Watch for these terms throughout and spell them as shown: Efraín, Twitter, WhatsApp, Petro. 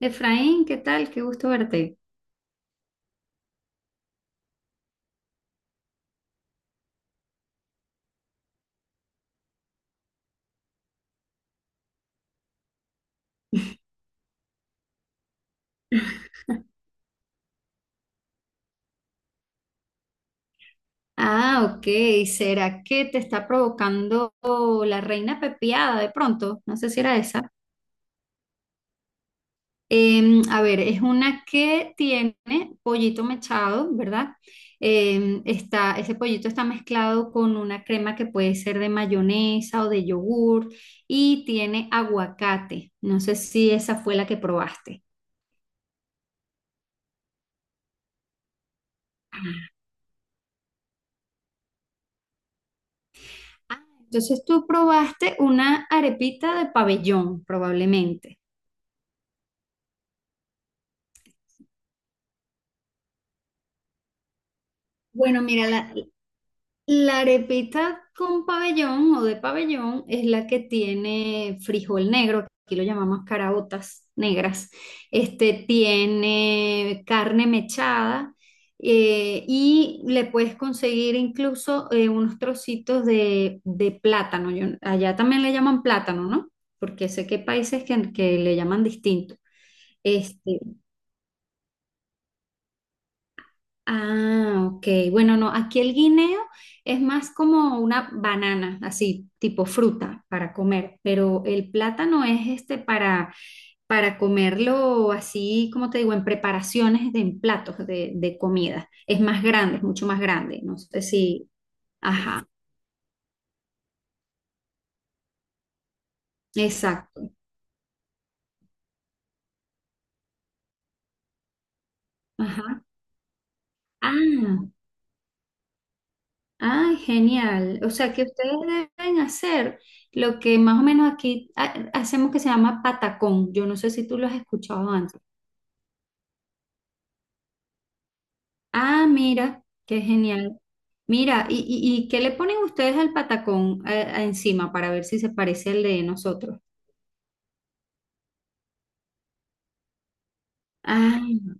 Efraín, ¿qué tal? Qué gusto verte. Ah, ok. ¿Será que te está provocando la reina pepiada de pronto? No sé si era esa. A ver, es una que tiene pollito mechado, ¿verdad? Ese pollito está mezclado con una crema que puede ser de mayonesa o de yogur y tiene aguacate. No sé si esa fue la que probaste. Ah, entonces tú probaste una arepita de pabellón, probablemente. Bueno, mira, la arepita con pabellón o de pabellón es la que tiene frijol negro, aquí lo llamamos caraotas negras. Este tiene carne mechada y le puedes conseguir incluso unos trocitos de plátano. Allá también le llaman plátano, ¿no? Porque sé que hay países que le llaman distinto. Este. Ah, ok. Bueno, no, aquí el guineo es más como una banana, así, tipo fruta para comer, pero el plátano es este para comerlo así, como te digo, en preparaciones de en platos de comida. Es más grande, es mucho más grande. No sé si. Ajá, exacto. Ajá. Ah, ah, genial. O sea que ustedes deben hacer lo que más o menos aquí hacemos que se llama patacón. Yo no sé si tú lo has escuchado antes. Ah, mira, qué genial. Mira, ¿y qué le ponen ustedes al patacón encima para ver si se parece al de nosotros? Ah,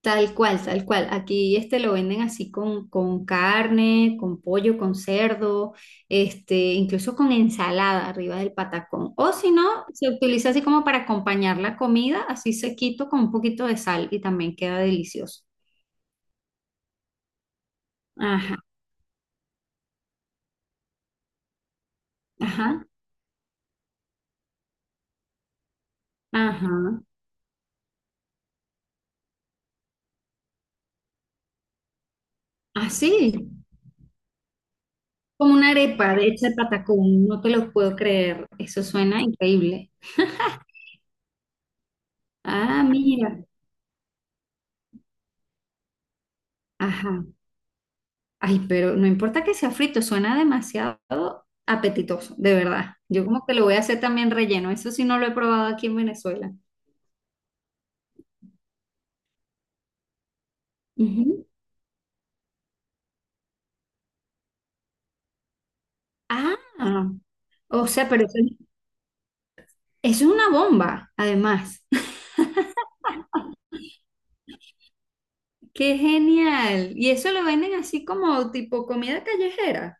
tal cual, tal cual. Aquí este lo venden así con carne, con pollo, con cerdo, este, incluso con ensalada arriba del patacón. O si no, se utiliza así como para acompañar la comida, así sequito con un poquito de sal y también queda delicioso. Ajá, ajá, ajá. Así, como una arepa de hecha de patacón, no te lo puedo creer. Eso suena increíble. Ah, mira. Ajá. Ay, pero no importa que sea frito, suena demasiado apetitoso, de verdad. Yo como que lo voy a hacer también relleno, eso sí no lo he probado aquí en Venezuela. Ujú. Ah, o sea, pero eso es una bomba, además. Qué genial. Y eso lo venden así como tipo comida callejera.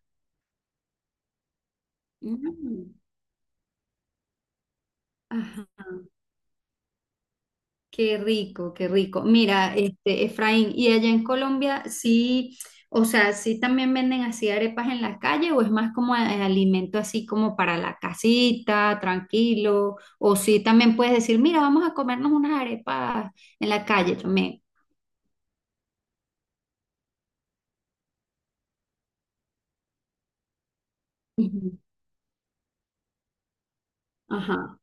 Mm. Qué rico, qué rico. Mira, este, Efraín, ¿y allá en Colombia sí, o sea, sí también venden así arepas en la calle o es más como alimento así como para la casita, tranquilo? O sí también puedes decir, mira, vamos a comernos unas arepas en la calle también. Ujú. Ajá,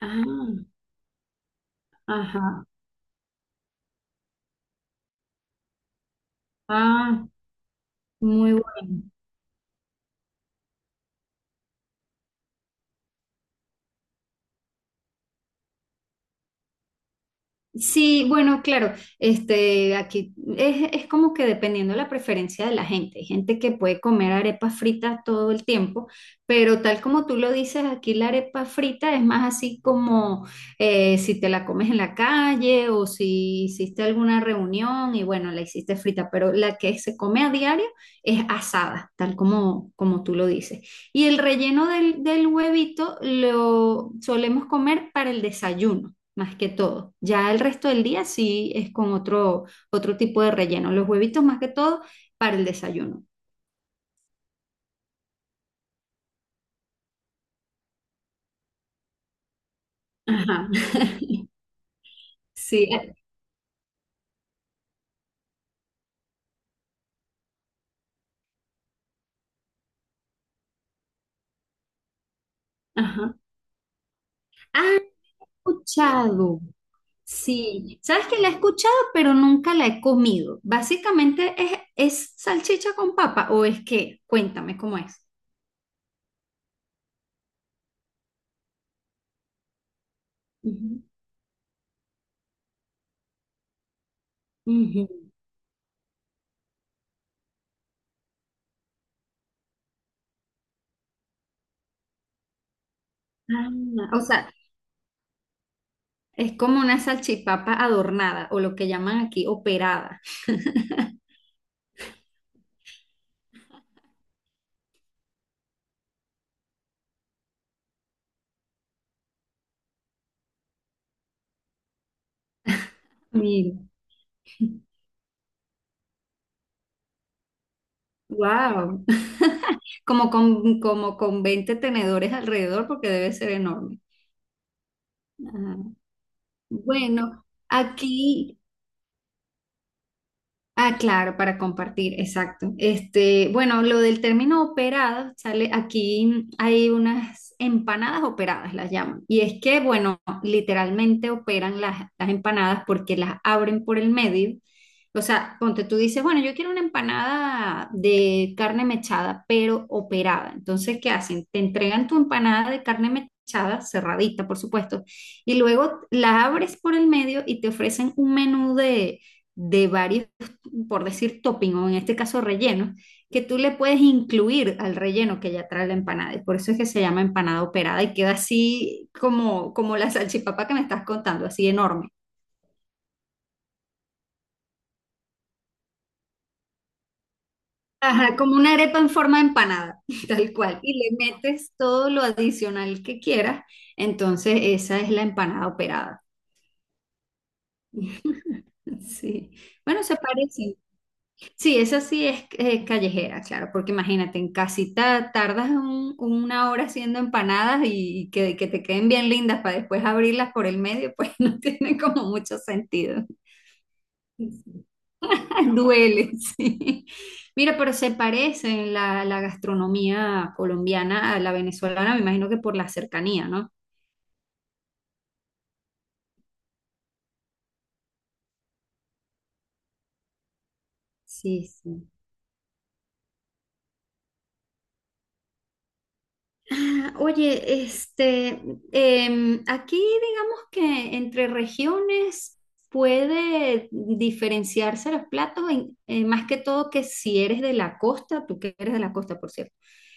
ah, ajá, ah, muy bueno. Sí, bueno, claro, este, aquí es como que dependiendo de la preferencia de la gente. Hay gente que puede comer arepas fritas todo el tiempo, pero tal como tú lo dices, aquí la arepa frita es más así como si te la comes en la calle o si hiciste alguna reunión y bueno, la hiciste frita, pero la que se come a diario es asada, tal como tú lo dices. Y el relleno del huevito lo solemos comer para el desayuno más que todo. Ya el resto del día sí es con otro tipo de relleno. Los huevitos más que todo para el desayuno. Ajá. Sí, ajá. Ah, escuchado. Sí, sabes que la he escuchado, pero nunca la he comido. Básicamente es salchicha con papa o es que, cuéntame cómo es. Ujú, ujú. Ah, o sea, es como una salchipapa adornada o lo que llaman aquí operada. Mira, wow. Como con 20 tenedores alrededor porque debe ser enorme. Ajá. Bueno, aquí. Ah, claro, para compartir, exacto. Este, bueno, lo del término operado, sale aquí hay unas empanadas operadas, las llaman. Y es que, bueno, literalmente operan las empanadas porque las abren por el medio. O sea, ponte tú dices, bueno, yo quiero una empanada de carne mechada, pero operada. Entonces, ¿qué hacen? Te entregan tu empanada de carne mechada, cerradita, por supuesto, y luego la abres por el medio y te ofrecen un menú de varios por decir topping o en este caso relleno, que tú le puedes incluir al relleno que ya trae la empanada. Y por eso es que se llama empanada operada y queda así como la salchipapa que me estás contando, así enorme. Ajá, como una arepa en forma de empanada, tal cual. Y le metes todo lo adicional que quieras. Entonces, esa es la empanada operada. Sí. Bueno, se parece, sí, esa sí es callejera, claro, porque imagínate, en casita tardas una hora haciendo empanadas y, y que te queden bien lindas para después abrirlas por el medio, pues no tiene como mucho sentido. Duele, sí. Mira, pero se parece la gastronomía colombiana a la venezolana, me imagino que por la cercanía, ¿no? Sí, sí. Ah, oye, este, aquí digamos que entre regiones puede diferenciarse los platos, más que todo que si eres de la costa, tú que eres de la costa, por cierto,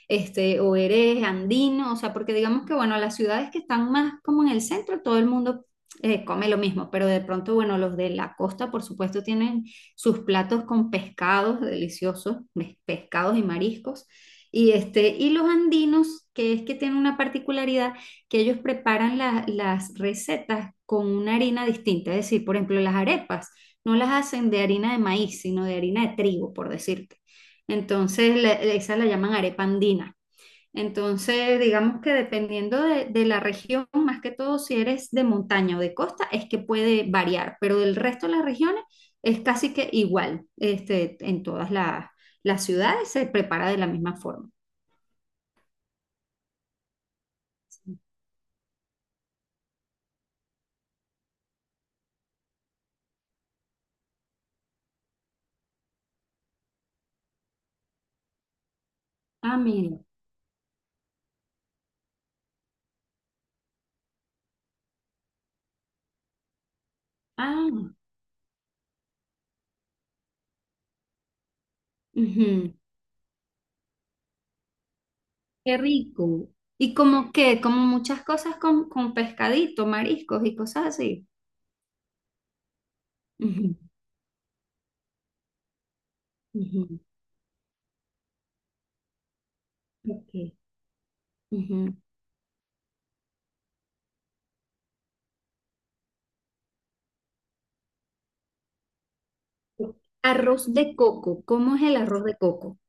este, o eres andino, o sea, porque digamos que, bueno, las ciudades que están más como en el centro, todo el mundo come lo mismo, pero de pronto, bueno, los de la costa, por supuesto, tienen sus platos con pescados deliciosos, pescados y mariscos. Y los andinos, que es que tienen una particularidad, que ellos preparan las recetas con una harina distinta. Es decir, por ejemplo, las arepas no las hacen de harina de maíz, sino de harina de trigo, por decirte. Entonces, esa la llaman arepa andina. Entonces, digamos que dependiendo de la región, más que todo si eres de montaña o de costa, es que puede variar, pero del resto de las regiones es casi que igual, este, en todas las ciudades se prepara de la misma forma. Ah, mira. Ah, ujú. Qué rico. Y como que, como muchas cosas con pescadito, mariscos y cosas así. Ujú, ujú. Ok, ujú. Arroz de coco. ¿Cómo es el arroz de coco?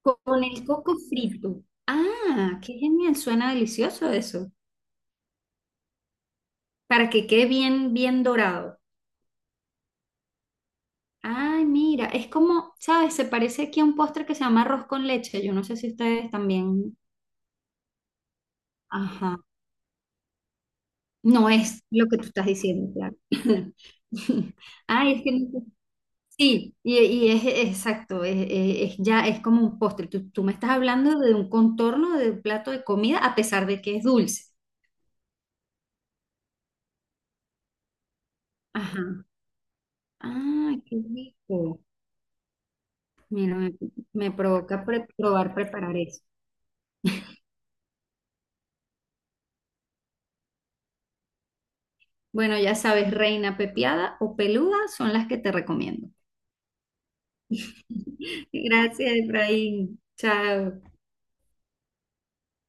Con el coco frito. Ah, qué genial. Suena delicioso eso. Para que quede bien, bien dorado. Ay, mira, es como, ¿sabes? Se parece aquí a un postre que se llama arroz con leche. Yo no sé si ustedes también. Ajá. No es lo que tú estás diciendo, claro. Ay, es que sí, y es exacto, es ya es como un postre. Tú me estás hablando de un contorno de un plato de comida a pesar de que es dulce. Ajá. Ah, qué rico. Mira, me provoca probar preparar eso. Bueno, ya sabes, reina pepiada o peluda son las que te recomiendo. Gracias, Efraín. Chao.